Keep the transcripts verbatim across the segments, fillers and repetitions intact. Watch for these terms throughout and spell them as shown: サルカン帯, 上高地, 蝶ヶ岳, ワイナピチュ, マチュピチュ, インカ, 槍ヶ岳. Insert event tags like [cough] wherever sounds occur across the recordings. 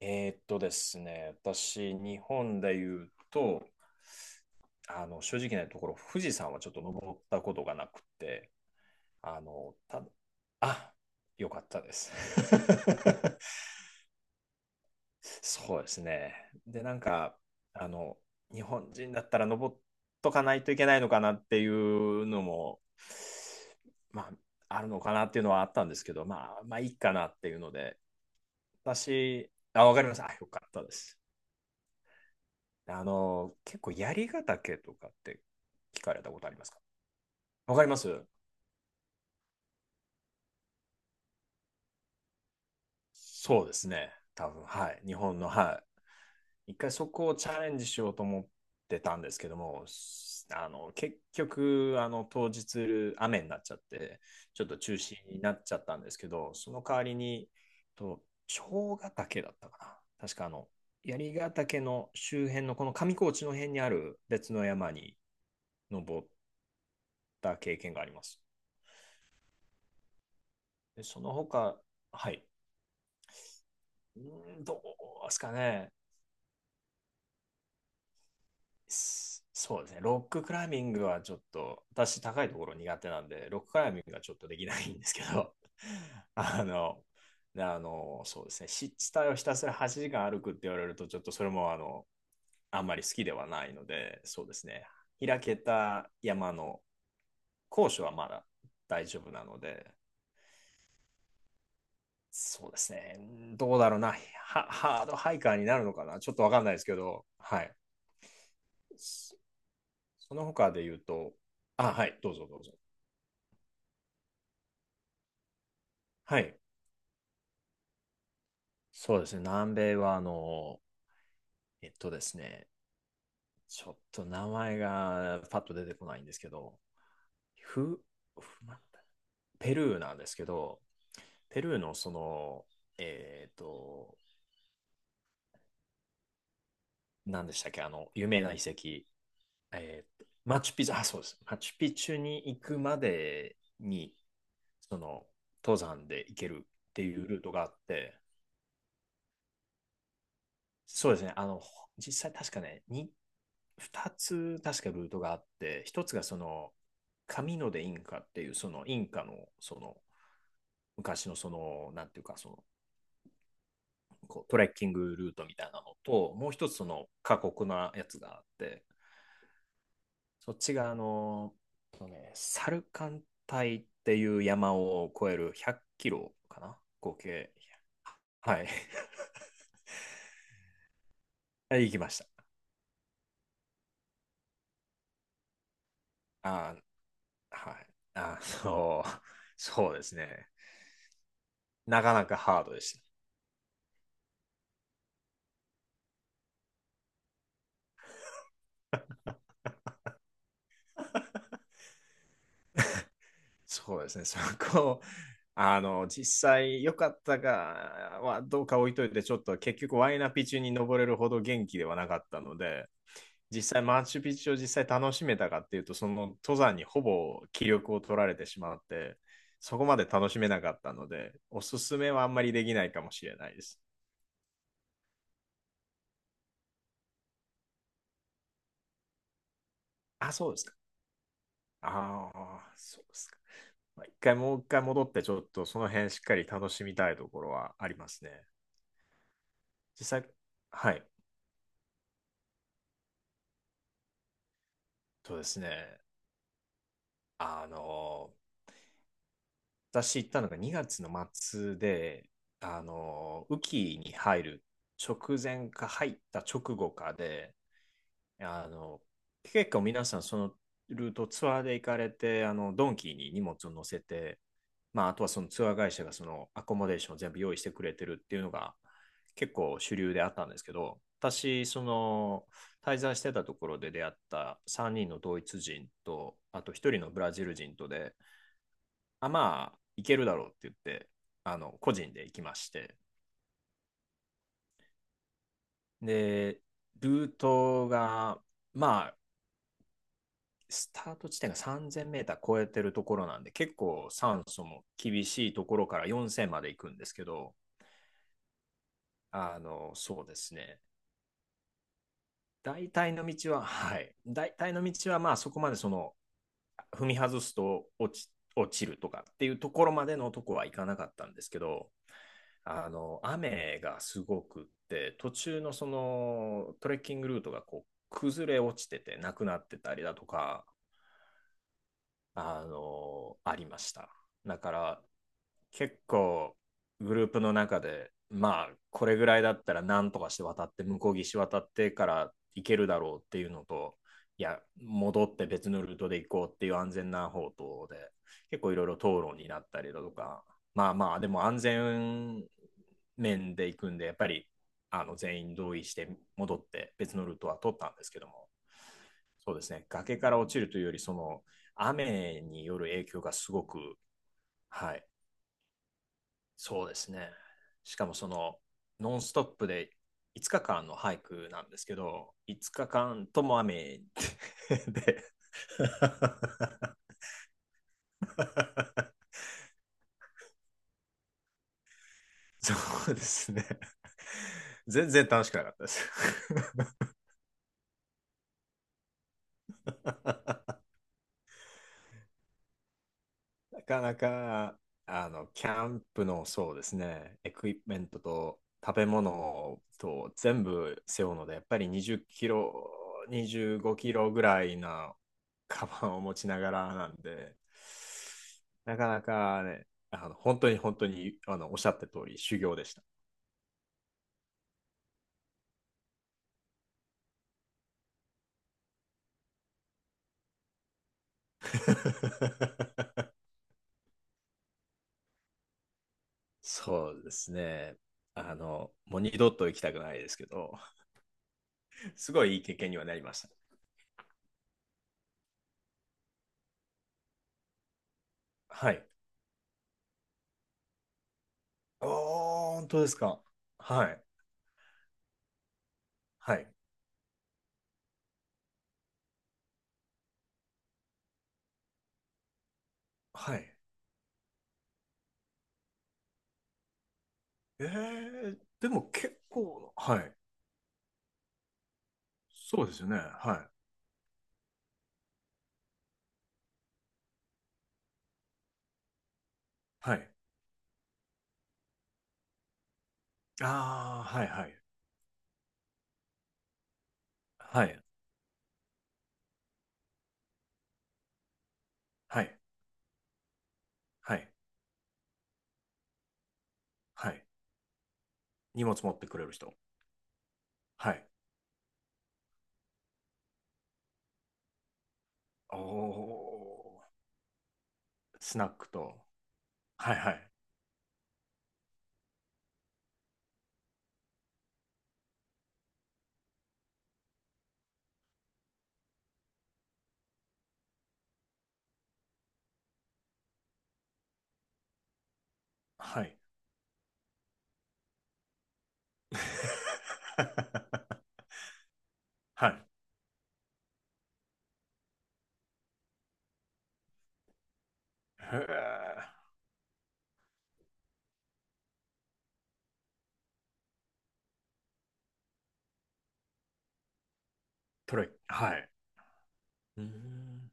えーっとですね、私、日本で言うと、あの、正直なところ、富士山はちょっと登ったことがなくて、あの、た、あ、よかったです。[laughs] そうですね。で、なんか、あの、日本人だったら登っとかないといけないのかなっていうのも、まあ、あるのかなっていうのはあったんですけど、まあ、まあ、いいかなっていうので、私、あ、わかりました。あ、よかったです。あの、結構、槍ヶ岳とかって聞かれたことありますか？わかります。そうですね。多分、はい。日本の、はい。一回そこをチャレンジしようと思ってたんですけども、すあの、結局、あの、当日、雨になっちゃって、ちょっと中止になっちゃったんですけど、その代わりに、と、蝶ヶ岳だったかな。確か、あの、槍ヶ岳の周辺の、この上高地の辺にある別の山に登った経験があります。で、その他、はい。うーん、どうですかね。すそうですね。ロッククライミングはちょっと、私高いところ苦手なんで、ロッククライミングがちょっとできないんですけど、[laughs] あの、であの、そうですね。湿地帯をひたすらはちじかん歩くって言われると、ちょっとそれもあの、あんまり好きではないので、そうですね。開けた山の高所はまだ大丈夫なので、そうですね。うん、どうだろうな。ハ、ハードハイカーになるのかな。ちょっとわかんないですけど、はい。その他で言うと、あ、はい、どうぞどうぞ。はい。そうですね、南米はあの、えっとですね、ちょっと名前がパッと出てこないんですけど、ふ、ふまペルーなんですけど、ペルーのその、えっと、何でしたっけ、あの、有名な遺跡、えーマチュピチュ、あ、そうです、マチュピチュに行くまでに、その、登山で行けるっていうルートがあって、そうですね。あの、実際確かね、にふたつ確かルートがあって、ひとつがその、紙のでインカっていう、そのインカの、その、昔のその、なんていうか、その、こうトレッキングルートみたいなのと、もうひとつその過酷なやつがあって、そっちがあの、そうね、サルカン帯っていう山を越えるひゃっキロかな合計。はい。[laughs] 行きました。あー、はい。あー、そう、そうですね。なかなかハードでした。[laughs] そうですね、そこ、あの、実際良かったかはどうか置いといて、ちょっと結局ワイナピチュに登れるほど元気ではなかったので、実際マッチュピチュを実際楽しめたかっていうと、その登山にほぼ気力を取られてしまって、そこまで楽しめなかったので、おすすめはあんまりできないかもしれないです。あ、そうですか。ああ、そうですか。まあ一回もう一回戻って、ちょっとその辺しっかり楽しみたいところはありますね。実際、はい、そうですね。あの、私行ったのがにがつの末で、あの、雨季に入る直前か入った直後かで、あの、結構皆さんそのルートツアーで行かれて、あの、ドンキーに荷物を乗せて、まあ、あとはそのツアー会社がそのアコモデーションを全部用意してくれてるっていうのが結構主流であったんですけど、私、その滞在してたところで出会ったさんにんのドイツ人と、あとひとりのブラジル人とで、あ、まあ、行けるだろうって言って、あの、個人で行きまして、で、ルートが、まあ、スタート地点がさんぜんメーター超えてるところなんで、結構酸素も厳しいところからよんせんまで行くんですけど、あの、そうですね。大体の道は、はい。大体の道は、まあそこまでその、踏み外すと落ち、落ちるとかっていうところまでのとこは行かなかったんですけど、あの、雨がすごくって、途中のそのトレッキングルートがこう崩れ落ちててなくなってたりだとか、あの、ありました。だから、結構、グループの中で、まあ、これぐらいだったら、なんとかして渡って、向こう岸渡ってから行けるだろうっていうのと、いや、戻って別のルートで行こうっていう安全な方とで、結構いろいろ討論になったりだとか、まあまあ、でも安全面で行くんで、やっぱり、あの全員同意して戻って別のルートは取ったんですけども、そうですね。崖から落ちるというより、その雨による影響がすごく、はい、そうですね。しかもそのノンストップでいつかかんのハイクなんですけど、いつかかんとも雨 [laughs] で、[laughs] そうですね。全然楽しくなかったです。[laughs] なかなか、あの、キャンプの、そうですね、エクイプメントと食べ物と全部背負うので、やっぱりにじゅっキロ、にじゅうごキロぐらいなカバンを持ちながらなんで、なかなかね、あの、本当に本当に、あの、おっしゃった通り、修行でした。[laughs] そうですね。あの、もう二度と行きたくないですけど、すごいいい経験にはなりました。はい。ああ、本当ですか。はい。はい。はい。ええ、でも結構、はい。そうですよね。はい。はい。ああ、はいはい。はい。はい。はい。はい。荷物持ってくれる人。はい。おお、スナックと。はいはい。はい。[laughs] はい。へえ。トレ、はい。うーん、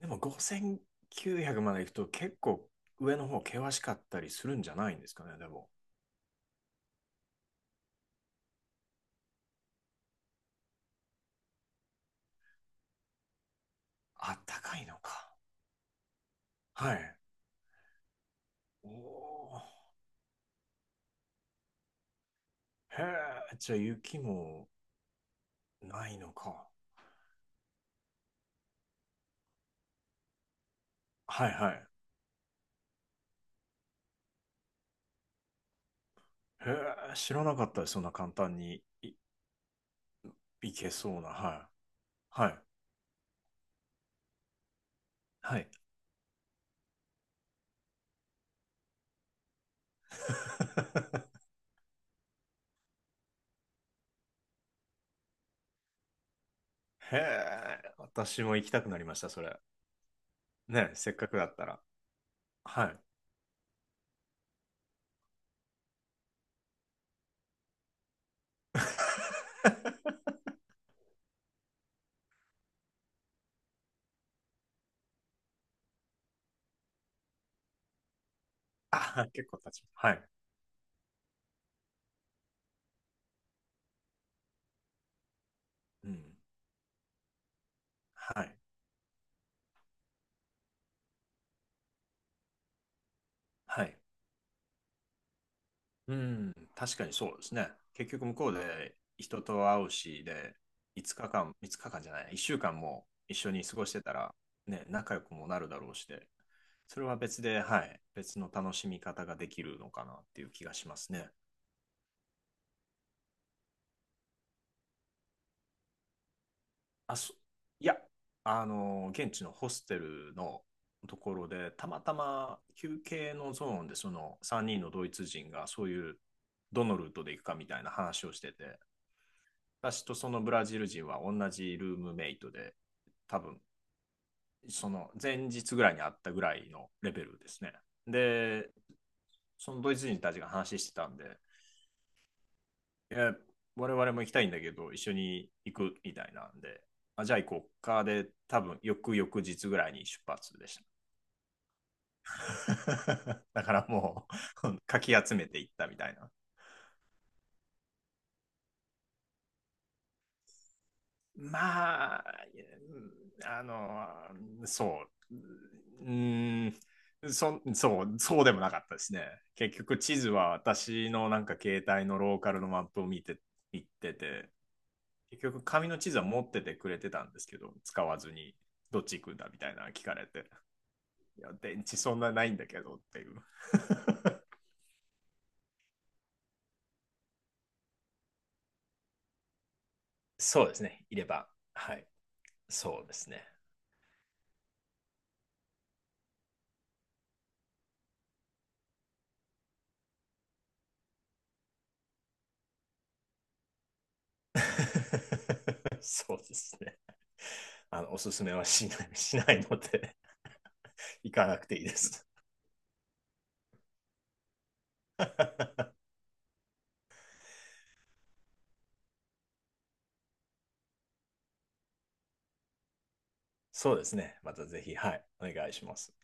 でもごせんきゅうひゃくまで行くと結構上の方険しかったりするんじゃないんですかね、でも。あったかいのか。はい。おお。へえ、じゃあ雪もないのか。はいはい。へえ、知らなかったです、そんな簡単にい行けそうな。はい。はい。はい。[laughs] へえ、私も行きたくなりました、それ。ね、せっかくだったら。はい。[laughs] あ、結構経ちます。はい。うん。はい。はい。うん、確かにそうですね。結局向こうで人と会うし、で、いつかかん、いつかかんじゃない、いっしゅうかんも一緒に過ごしてたら、ね、仲良くもなるだろうしで、それは別で、はい、別の楽しみ方ができるのかなっていう気がしますね。あ、そ、いや、あの、現地のホステルのところで、たまたま休憩のゾーンで、そのさんにんのドイツ人がそういう、どのルートで行くかみたいな話をしてて、私とそのブラジル人は同じルームメイトで、多分その前日ぐらいに会ったぐらいのレベルですね。で、そのドイツ人たちが話してたんで、いや、我々も行きたいんだけど、一緒に行くみたいなんで、あじゃあ行こうかで、多分翌々日ぐらいに出発でした。[laughs] だからもう [laughs]、かき集めていったみたいな。まあ、あの、そう、うん、そそう、そうでもなかったですね。結局、地図は私のなんか携帯のローカルのマップを見て、行ってて、結局、紙の地図は持っててくれてたんですけど、使わずに、どっち行くんだみたいなの聞かれて、いや、電池そんなないんだけどっていう。[laughs] そうですね、いれば。はい、そうですね。[laughs] そうですね。あの、おすすめはしない、しないので、行かなくていいです。[laughs] そうですね。またぜひ、はい、お願いします。